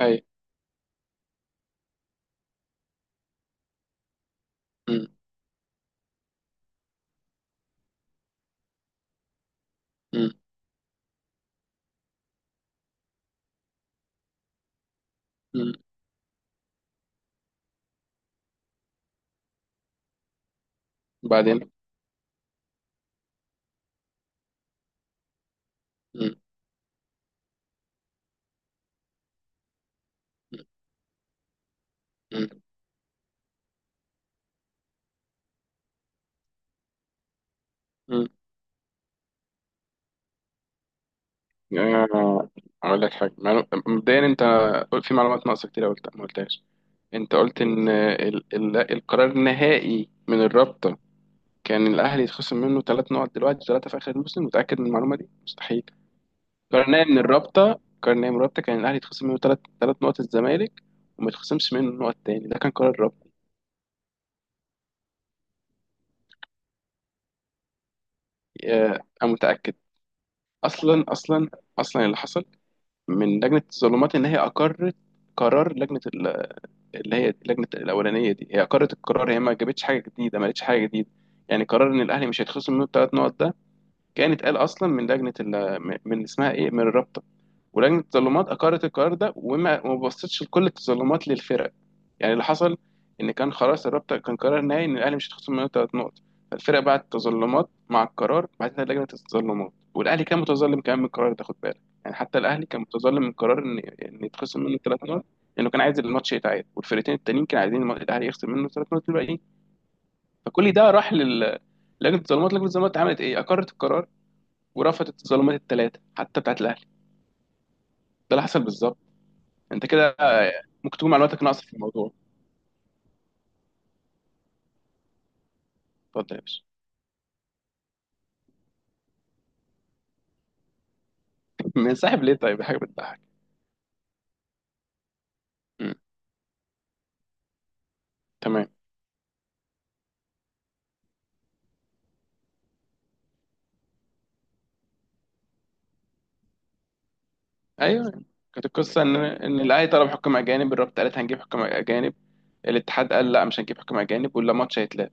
اي. مم. مم. مم. بعدين. مم. مم. مم. آه، اقول لك حاجه مبدئيا انت في معلومات ناقصه كتير، قلت ما قلتهاش. انت قلت ان القرار النهائي من الرابطه كان الاهلي يتخصم منه ثلاث نقط دلوقتي، ثلاثه في اخر الموسم. متاكد من المعلومه دي؟ مستحيل. القرار النهائي من الرابطه كان الاهلي يتخصم منه ثلاث نقط الزمالك، وما يتخصمش منه نقط تاني. ده كان قرار الرابطه. انا متاكد. اصلا اصلا اصلا اللي حصل من لجنة التظلمات إن هي أقرت قرار اللي هي لجنة الأولانية دي. هي أقرت القرار، هي ما جابتش حاجة جديدة، ما قالتش حاجة جديدة. يعني قرار إن الأهلي مش هيتخصم منه الثلاث نقط ده كان اتقال أصلا من اسمها إيه، من الرابطة. ولجنة التظلمات أقرت القرار ده، وما ما بصتش لكل التظلمات للفرق. يعني اللي حصل ان كان خلاص، الرابطه كان قرار نهائي ان الاهلي مش هيتخصم منه ثلاث نقط، فالفرقه بعت تظلمات مع القرار، بعتها لجنه التظلمات. والاهلي كان متظلم كمان من القرار ده، خد بالك، يعني حتى الاهلي كان متظلم من قرار ان يتخصم منه ثلاث نقط، لانه كان عايز الماتش يتعاد. والفرقتين التانيين كانوا عايزين الاهلي يخصم منه ثلاث نقط الباقيين. فكل ده راح لجنه التظلمات. لجنه التظلمات عملت ايه؟ اقرت القرار ورفضت التظلمات الثلاثه حتى بتاعت الاهلي. ده اللي حصل بالظبط. انت كده ممكن تكون معلوماتك ناقصه في الموضوع. اتفضل يا باشا. منسحب ليه؟ طيب حاجه بتضحك. تمام. ايوه، كانت القصه ان الاهلي طلب حكام اجانب. الرابطه قالت هنجيب حكام اجانب، الاتحاد قال لا، مش هنجيب حكام اجانب ولا ماتش هيتلعب.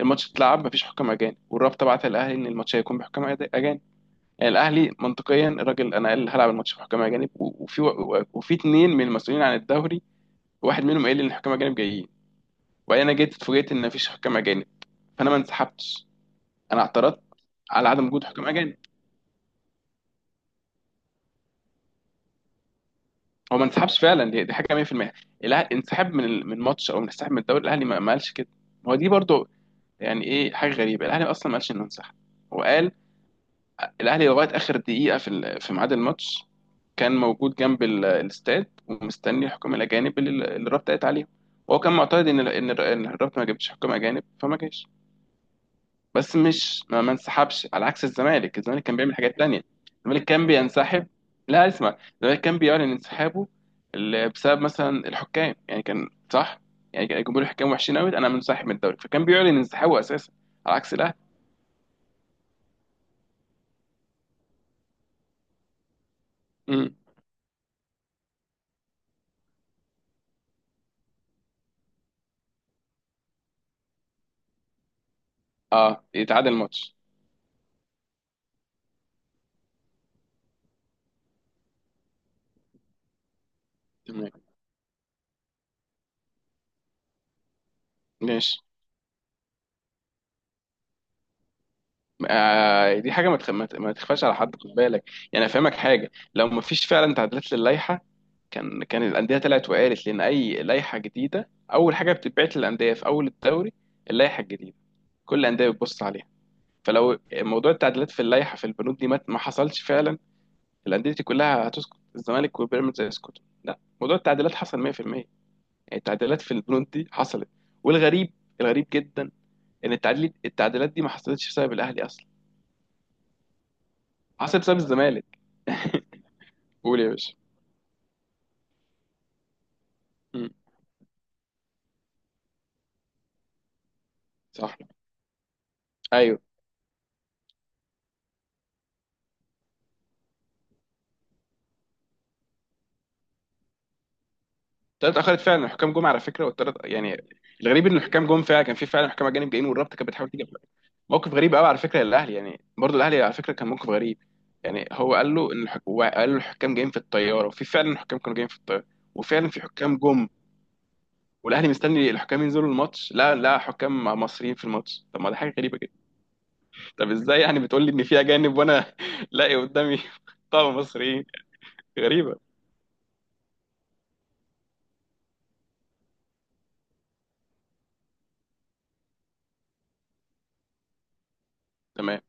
الماتش اتلعب مفيش حكام اجانب، والرابطه بعت الاهلي ان الماتش هيكون بحكام اجانب. يعني الاهلي منطقيا الراجل انا قال هلعب الماتش بحكام اجانب، وفي اتنين من المسؤولين عن الدوري واحد منهم قال لي ان الحكام اجانب جايين، وبعدين انا جيت اتفاجئت ان مفيش حكام اجانب. فانا ما انسحبتش، انا اعترضت على عدم وجود حكام اجانب. هو ما انسحبش فعلا، دي حاجه 100%. الاهلي انسحب من ماتش او انسحب من الدوري؟ الاهلي ما قالش كده. ما هو دي برضو يعني ايه، حاجه غريبه. الاهلي اصلا ما قالش انه انسحب، هو قال الاهلي لغايه اخر دقيقه في ميعاد الماتش كان موجود جنب الاستاد، ومستني حكام الاجانب اللي الرابطه قالت عليهم. وهو كان معتقد إن الرابطه ما جابتش حكام اجانب، فما جاش. بس مش ما انسحبش، على عكس الزمالك. الزمالك كان بيعمل حاجات تانية. الزمالك كان بينسحب. لا، اسمع، الزمالك كان بيعلن انسحابه بسبب مثلا الحكام، يعني كان صح. يعني كان جمهور الحكام وحشين قوي، انا منسحب من الدوري، فكان بيعلن انسحابه اساسا، على عكس الاهلي. امم. اه، يتعادل الماتش. تمام. ماشي. آه، دي حاجه ما تخ... ما ت- ما تخفاش على حد، خد بالك. يعني افهمك حاجه، لو ما فيش فعلا تعديلات للائحه، كان الانديه طلعت وقالت، لان اي لائحه جديده اول حاجه بتتبعت للانديه في اول الدوري، اللائحه الجديده كل الانديه بتبص عليها. فلو موضوع التعديلات في اللائحه في البنود دي ما حصلش فعلا، الانديه دي كلها هتسكت، الزمالك وبيراميدز هيسكتوا. لا، موضوع التعديلات حصل 100% يعني، التعديلات في البنود دي حصلت. والغريب، الغريب جدا، ان التعديلات دي ما حصلتش بسبب الاهلي اصلا، حصلت بسبب الزمالك. قول يا باشا. مم. صح. ايوه، الطياره اتاخرت فعلا، الحكام جم على فكره، والطياره يعني. الغريب ان الحكام جم فعلا، كان في فعلا حكام اجانب جايين والرابطه كانت بتحاول تيجي. موقف غريب قوي على فكره للاهلي، يعني برضه الاهلي على فكره كان موقف غريب. يعني هو قال له هو قال له الحكام جايين في الطياره، وفي فعلا حكام كانوا جايين في الطياره، وفعلا في حكام جم. والاهلي مستني الحكام ينزلوا الماتش، لا لا حكام مصريين في الماتش. طب ما ده حاجه غريبه جدا. طب ازاي يعني، بتقول لي ان في اجانب وانا لاقي قدامي طبعا مصريين؟ غريبه. تمام،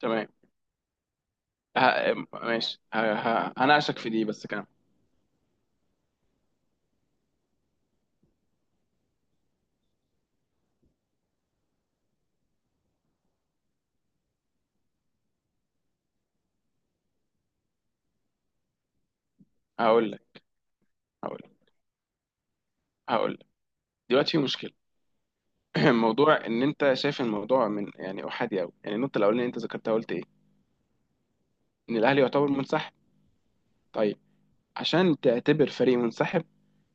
تمام. ماشي. هناقشك في دي بس كمان. هقول لك، هقول هقول دلوقتي في مشكله. موضوع ان انت شايف الموضوع من يعني احادي قوي. يعني النقطه الاولانيه اللي انت ذكرتها، قلت ايه؟ ان الاهلي يعتبر منسحب. طيب، عشان تعتبر فريق منسحب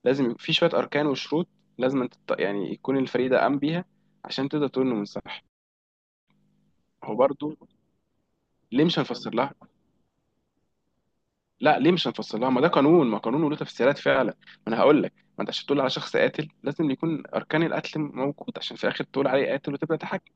لازم يبقى في شويه اركان وشروط، لازم انت يعني يكون الفريق ده قام بيها عشان تقدر تقول انه منسحب. هو برضه. ليه مش هنفسر لها؟ لا، ليه مش هنفسر لها، ما ده قانون، ما قانون له تفسيرات فعلا. ما انا هقول لك، ما انت عشان تقول على شخص قاتل لازم يكون اركان القتل موجود عشان في الاخر تقول عليه قاتل وتبقى تحكم.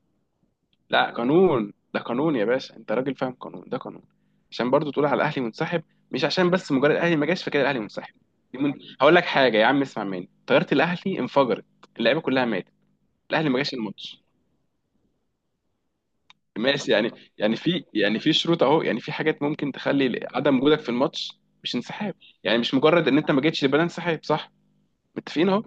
لا، قانون ده قانون يا باشا، انت راجل فاهم. قانون ده قانون، عشان برضو تقول على الاهلي منسحب، مش عشان بس مجرد الاهلي ما جاش فكده الاهلي منسحب. دي من... هقول لك حاجه يا عم، اسمع مني، طياره الاهلي انفجرت، اللعيبه كلها ماتت، الاهلي ما جاش الماتش. ماشي يعني في شروط اهو، يعني في حاجات ممكن تخلي عدم وجودك في الماتش مش انسحاب. يعني مش مجرد ان انت ما جيتش يبقى ده انسحاب، صح؟ متفقين اهو.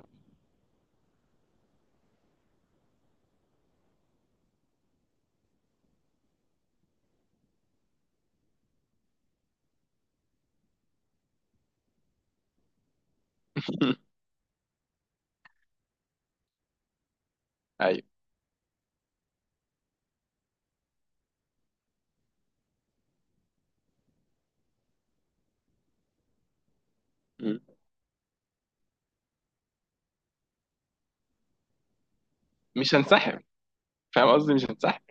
ايوه. مم. مش هنسحب، فاهم قصدي، مش هنسحب.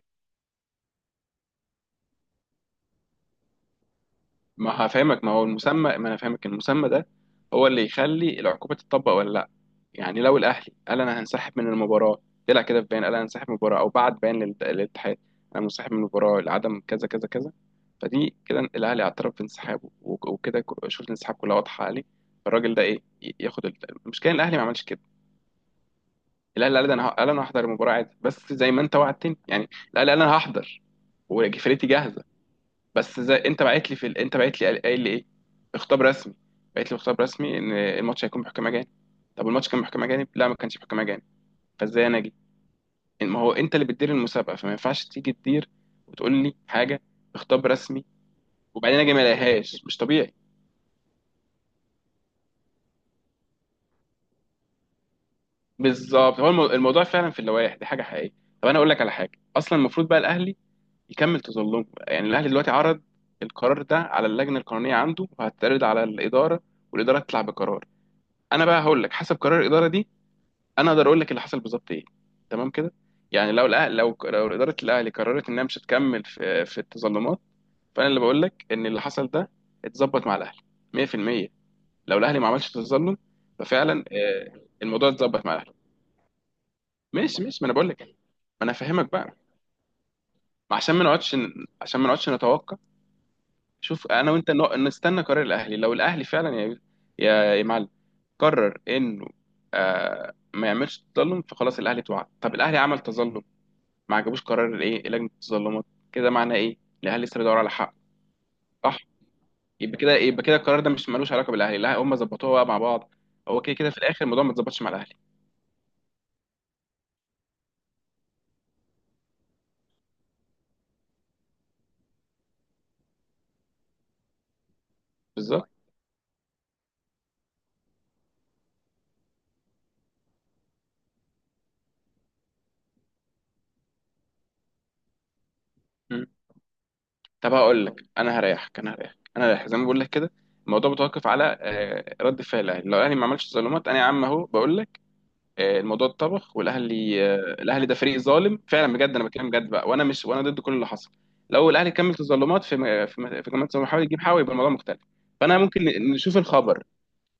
ما هفهمك، ما هو المسمى، ما انا فاهمك. المسمى ده هو اللي يخلي العقوبه تطبق ولا لا؟ يعني لو الاهلي قال انا هنسحب من المباراه، طلع كده في بيان قال انا هنسحب من المباراه، او بعت بيان للاتحاد انا منسحب من المباراه لعدم كذا كذا كذا، فدي كده الاهلي اعترف بانسحابه وكده شروط الانسحاب كلها واضحه عليه، فالراجل ده ايه ياخد المشكله إن الاهلي ما عملش كده. الاهلي قال قال انا هحضر المباراه عادي، بس زي ما انت وعدتني. يعني الاهلي قال انا هحضر وفرقتي جاهزه، بس زي انت باعت لي انت باعت لي، قايل لي ايه؟ خطاب رسمي. باعت لي خطاب رسمي ان الماتش هيكون بحكام اجانب. طب الماتش كان بحكام اجانب؟ لا، ما كانش بحكام اجانب. فازاي انا اجي؟ ما هو انت اللي بتدير المسابقه، فما ينفعش تيجي تدير وتقول لي حاجه بخطاب رسمي، وبعدين اجي ما الاقيهاش. مش طبيعي. بالظبط، هو الموضوع فعلا، في اللوائح دي حاجه حقيقيه. طب انا اقول لك على حاجه، اصلا المفروض بقى الاهلي يكمل تظلمه. يعني الاهلي دلوقتي عرض القرار ده على اللجنه القانونيه عنده، وهتعرض على الاداره، والاداره تطلع بقرار. انا بقى هقول لك حسب قرار الاداره دي، انا اقدر اقول لك اللي حصل بالظبط ايه. تمام كده. يعني لو اداره الاهلي قررت انها مش هتكمل في التظلمات، فانا اللي بقول لك ان اللي حصل ده اتظبط مع الاهلي 100%، لو الاهلي ما عملش تظلم. ففعلا الموضوع اتظبط مع الاهلي. ماشي، ماشي، ما انا بقول لك إيه. ما انا افهمك بقى، ما عشان ما نقعدش نتوقع. شوف انا وانت نستنى قرار الاهلي. لو الاهلي فعلا يا معلم قرر انه ما يعملش تظلم، فخلاص الاهلي اتوعد. طب الاهلي عمل تظلم، ما عجبوش قرار الايه لجنه التظلمات. كده معناه ايه؟ الاهلي لسه بيدور على حق. صح، يبقى كده، يبقى كده القرار ده مش ملوش علاقه بالاهلي، لا هم ظبطوها بقى مع بعض. هو كده كده في الاخر الموضوع ما اتظبطش مع الاهلي. بالظبط. مم. طب هقول لك، انا هريحك زي ما بقول لك كده. الموضوع متوقف على رد فعل الاهلي. لو الاهلي ما عملش تظلمات، انا يا عم اهو بقول لك الموضوع اتطبخ، والاهلي آه، الاهلي ده فريق ظالم فعلا بجد. انا بتكلم بجد بقى، وانا مش ضد كل اللي حصل. لو الاهلي كمل تظلمات في جماعه التظلم، حاول يجيب حاوي، يبقى الموضوع مختلف. فانا ممكن نشوف الخبر.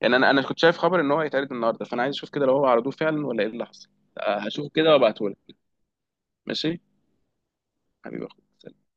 يعني انا كنت شايف خبر ان هو هيتعرض النهارده، فانا عايز اشوف كده لو هو عرضوه فعلا ولا ايه اللي حصل. هشوفه كده وابعته لك. ماشي. حبيبي يا اخويا.